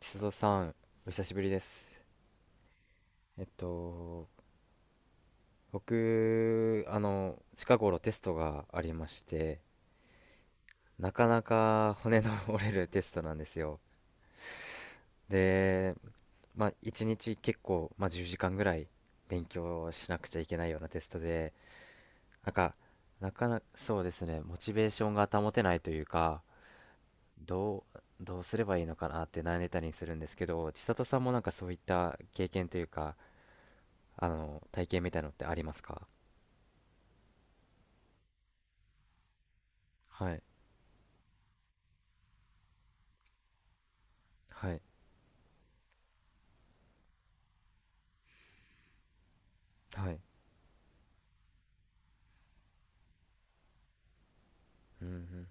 須藤さん、お久しぶりです。えっと、僕、近頃テストがありまして、なかなか骨の 折れるテストなんですよ。で、まあ、一日結構、まあ、10時間ぐらい勉強しなくちゃいけないようなテストで、なんか、なかなか、そうですね、モチベーションが保てないというか、どうすればいいのかなって悩んでたりするんですけど、千里さんもなんかそういった経験というか、体験みたいのってありますか？はい。はい、はい、うん、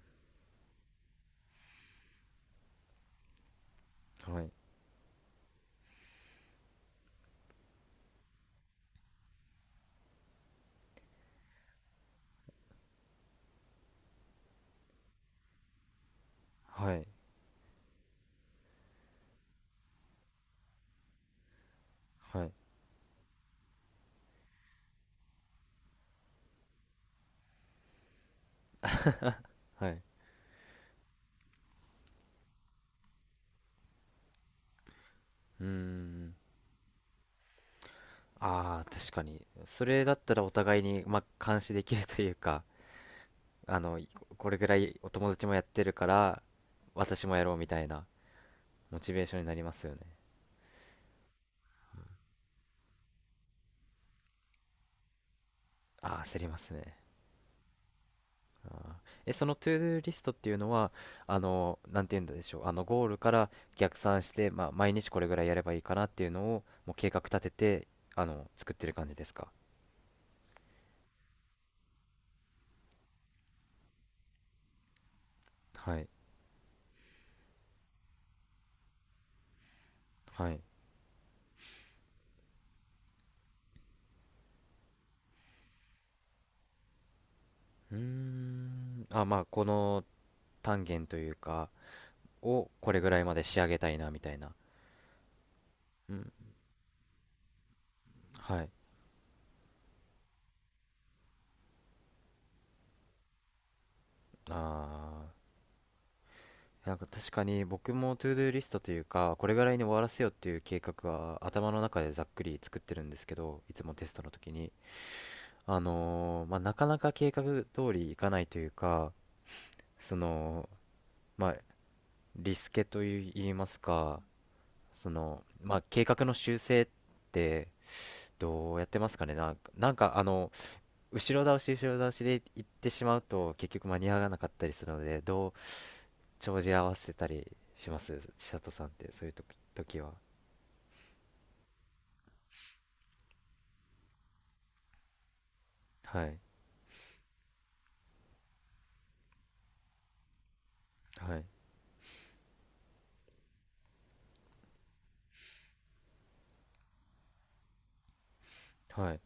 うん、はい、はい、はい、はい、うーん。ああ、確かに、それだったらお互いに、まあ、監視できるというか、あの、いこれぐらいお友達もやってるから、私もやろうみたいな、モチベーションになりますよね。ああ、焦りますね。ああ。そのトゥードゥーリストっていうのは、なんて言うんでしょう、ゴールから逆算して、まあ、毎日これぐらいやればいいかなっていうのを、もう計画立てて、作ってる感じですか？はい、はい。うーん。あ、まあ、この単元というか、をこれぐらいまで仕上げたいな、みたいな。うん。はい。あー。なんか確かに僕もトゥードゥーリストというか、これぐらいに終わらせようっていう計画は頭の中でざっくり作ってるんですけど、いつもテストの時に。まあ、なかなか計画通りいかないというか、その、まあ、リスケといいますか、その、まあ、計画の修正ってどうやってますかね。なんか、後ろ倒し後ろ倒しで行ってしまうと結局間に合わなかったりするので、どう帳尻合わせたりします、千里さんって？そういう時は。はい、はい、はい、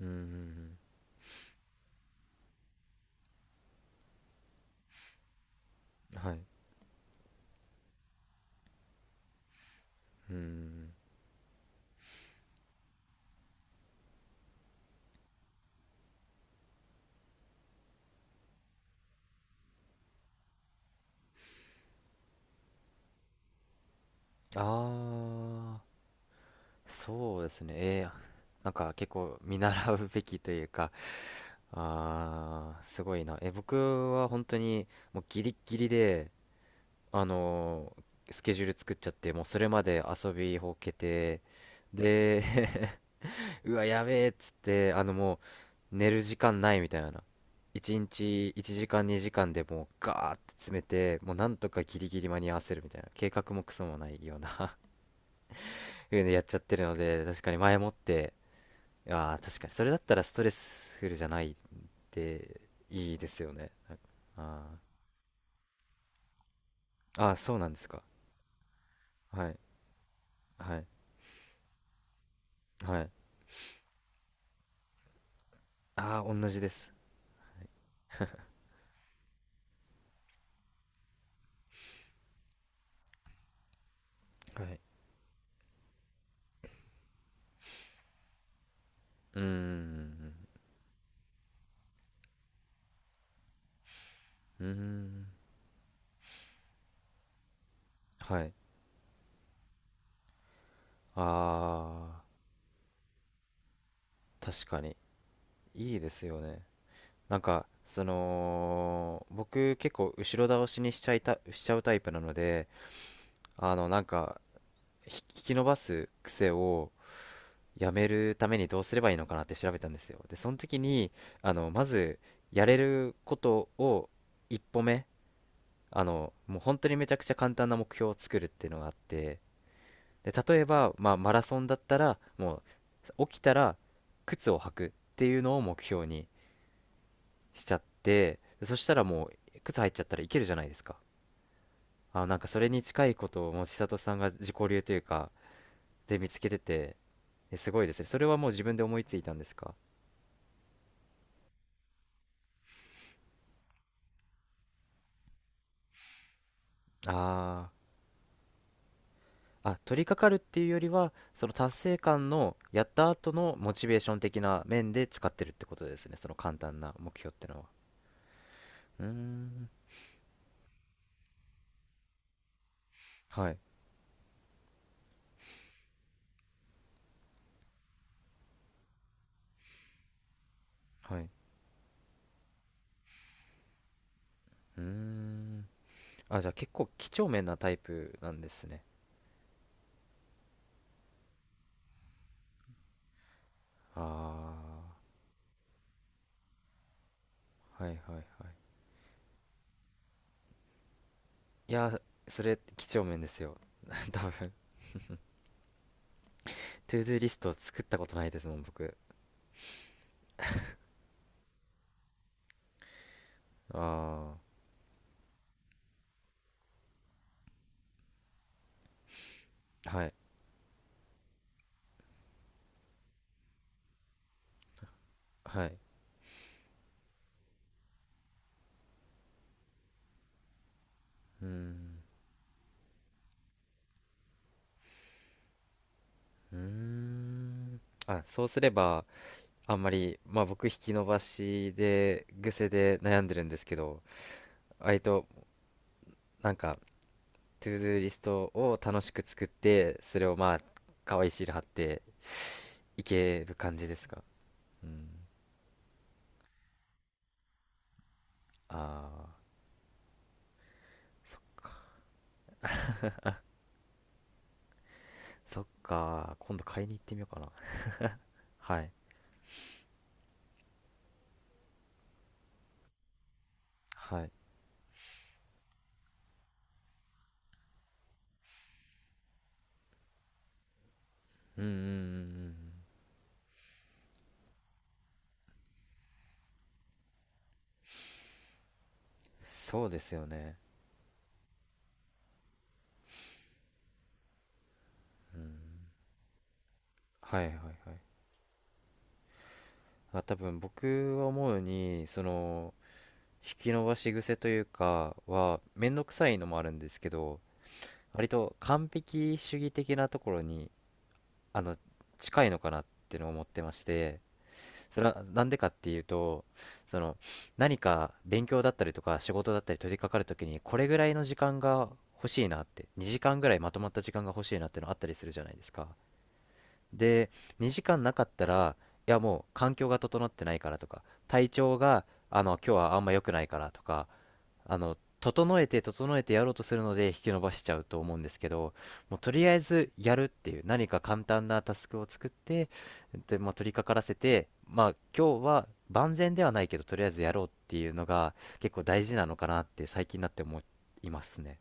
うん、うん、うん、はい、うん、ああー。そうですね、なんか結構見習うべきというか、あー、すごいな。僕は本当にもうギリッギリで、あのースケジュール作っちゃって、もうそれまで遊びほうけて、で、 うわ、やべえっつって、もう、寝る時間ないみたいな。1日1時間2時間でもうガーって詰めて、もうなんとかギリギリ間に合わせるみたいな。計画もクソもないような いうの やっちゃってるので、確かに前もって。ああ、確かにそれだったらストレスフルじゃないって、いいですよね。ああ、あーそうなんですか。はい、はい、はい。ああー、同じです。はい。うーん、うーん、はい。ああー、確かに、いいですよね。なんか、その、僕結構後ろ倒しにしちゃうタイプなので、なんか、引き伸ばす癖をやめるためにどうすればいいのかなって調べたんですよ。で、その時に、まず、やれることを一歩目、もう本当にめちゃくちゃ簡単な目標を作るっていうのがあって、で、例えば、まあ、マラソンだったら、もう、起きたら、靴を履くっていうのを目標にしちゃって、そしたらもう靴入っちゃったらいけるじゃないですか。あ、なんかそれに近いことをもう千里さんが自己流というかで見つけてて、え、すごいですね、それはもう自分で思いついたんですか？あー、あ、取り掛かるっていうよりはその達成感の、やった後のモチベーション的な面で使ってるってことですね、その簡単な目標ってのは。うーん、はい、はい、うーん。あ、じゃあ結構几帳面なタイプなんですね。ああー、はい、はい、はい。いや、それ、几帳面ですよ。多分、トゥードゥーリストを作ったことないですもん、僕。ああ、はい、はい。うーん、うーん。あ、そうすれば、あんまり、まあ僕、引き伸ばしで、癖で悩んでるんですけど、割と、なんか、トゥードゥーリストを楽しく作って、それをまあ、可愛いシール貼っていける感じですか。うん。ああ、そ、そっか、今度買いに行ってみようかな。はい、はい。うん、うん、うん、うん、そうですよね。うん。はい、はい、はい。まあ、多分僕は思うに、その、引き伸ばし癖というかは、めんどくさいのもあるんですけど、割と完璧主義的なところに、あの、近いのかなってのを思ってまして、それはなんでかっていうと、その、何か勉強だったりとか仕事だったり取り掛かるときに、これぐらいの時間が欲しいなって、2時間ぐらいまとまった時間が欲しいなってのあったりするじゃないですか。で、2時間なかったら、いやもう環境が整ってないからとか、体調が今日はあんま良くないからとか、整えて整えてやろうとするので引き延ばしちゃうと思うんですけど、もうとりあえずやるっていう何か簡単なタスクを作って、で、まあ、取り掛からせて、まあ今日は万全ではないけどとりあえずやろうっていうのが結構大事なのかなって最近になって思いますね。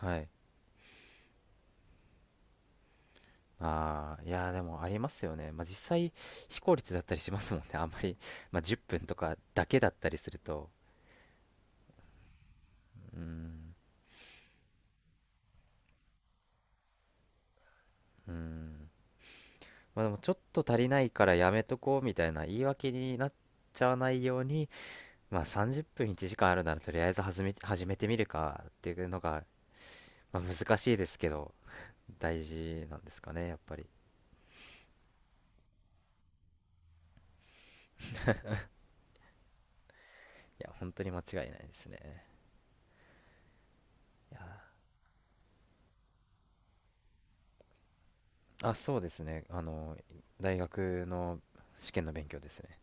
はい。ああ、いやーでもありますよね。まあ実際非効率だったりしますもんね、あんまり、まあ、10分とかだけだったりすると。うーん、うーん。まあでもちょっと足りないからやめとこうみたいな言い訳になっちゃわないように、まあ30分1時間あるならとりあえず始めてみるかっていうのが、まあ難しいですけど、大事なんですかね、やっぱり。いや、本当に間違いないですね。いやー、あ、そうですね。大学の試験の勉強ですね。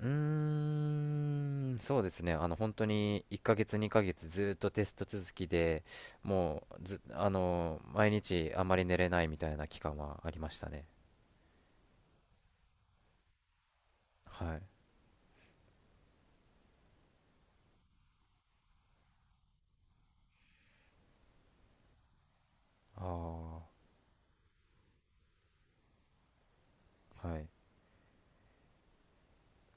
うーん、そうですね。本当に1ヶ月、2ヶ月ずっとテスト続きで、もうず、あの、毎日あまり寝れないみたいな期間はありましたね。はい。ああ、はい。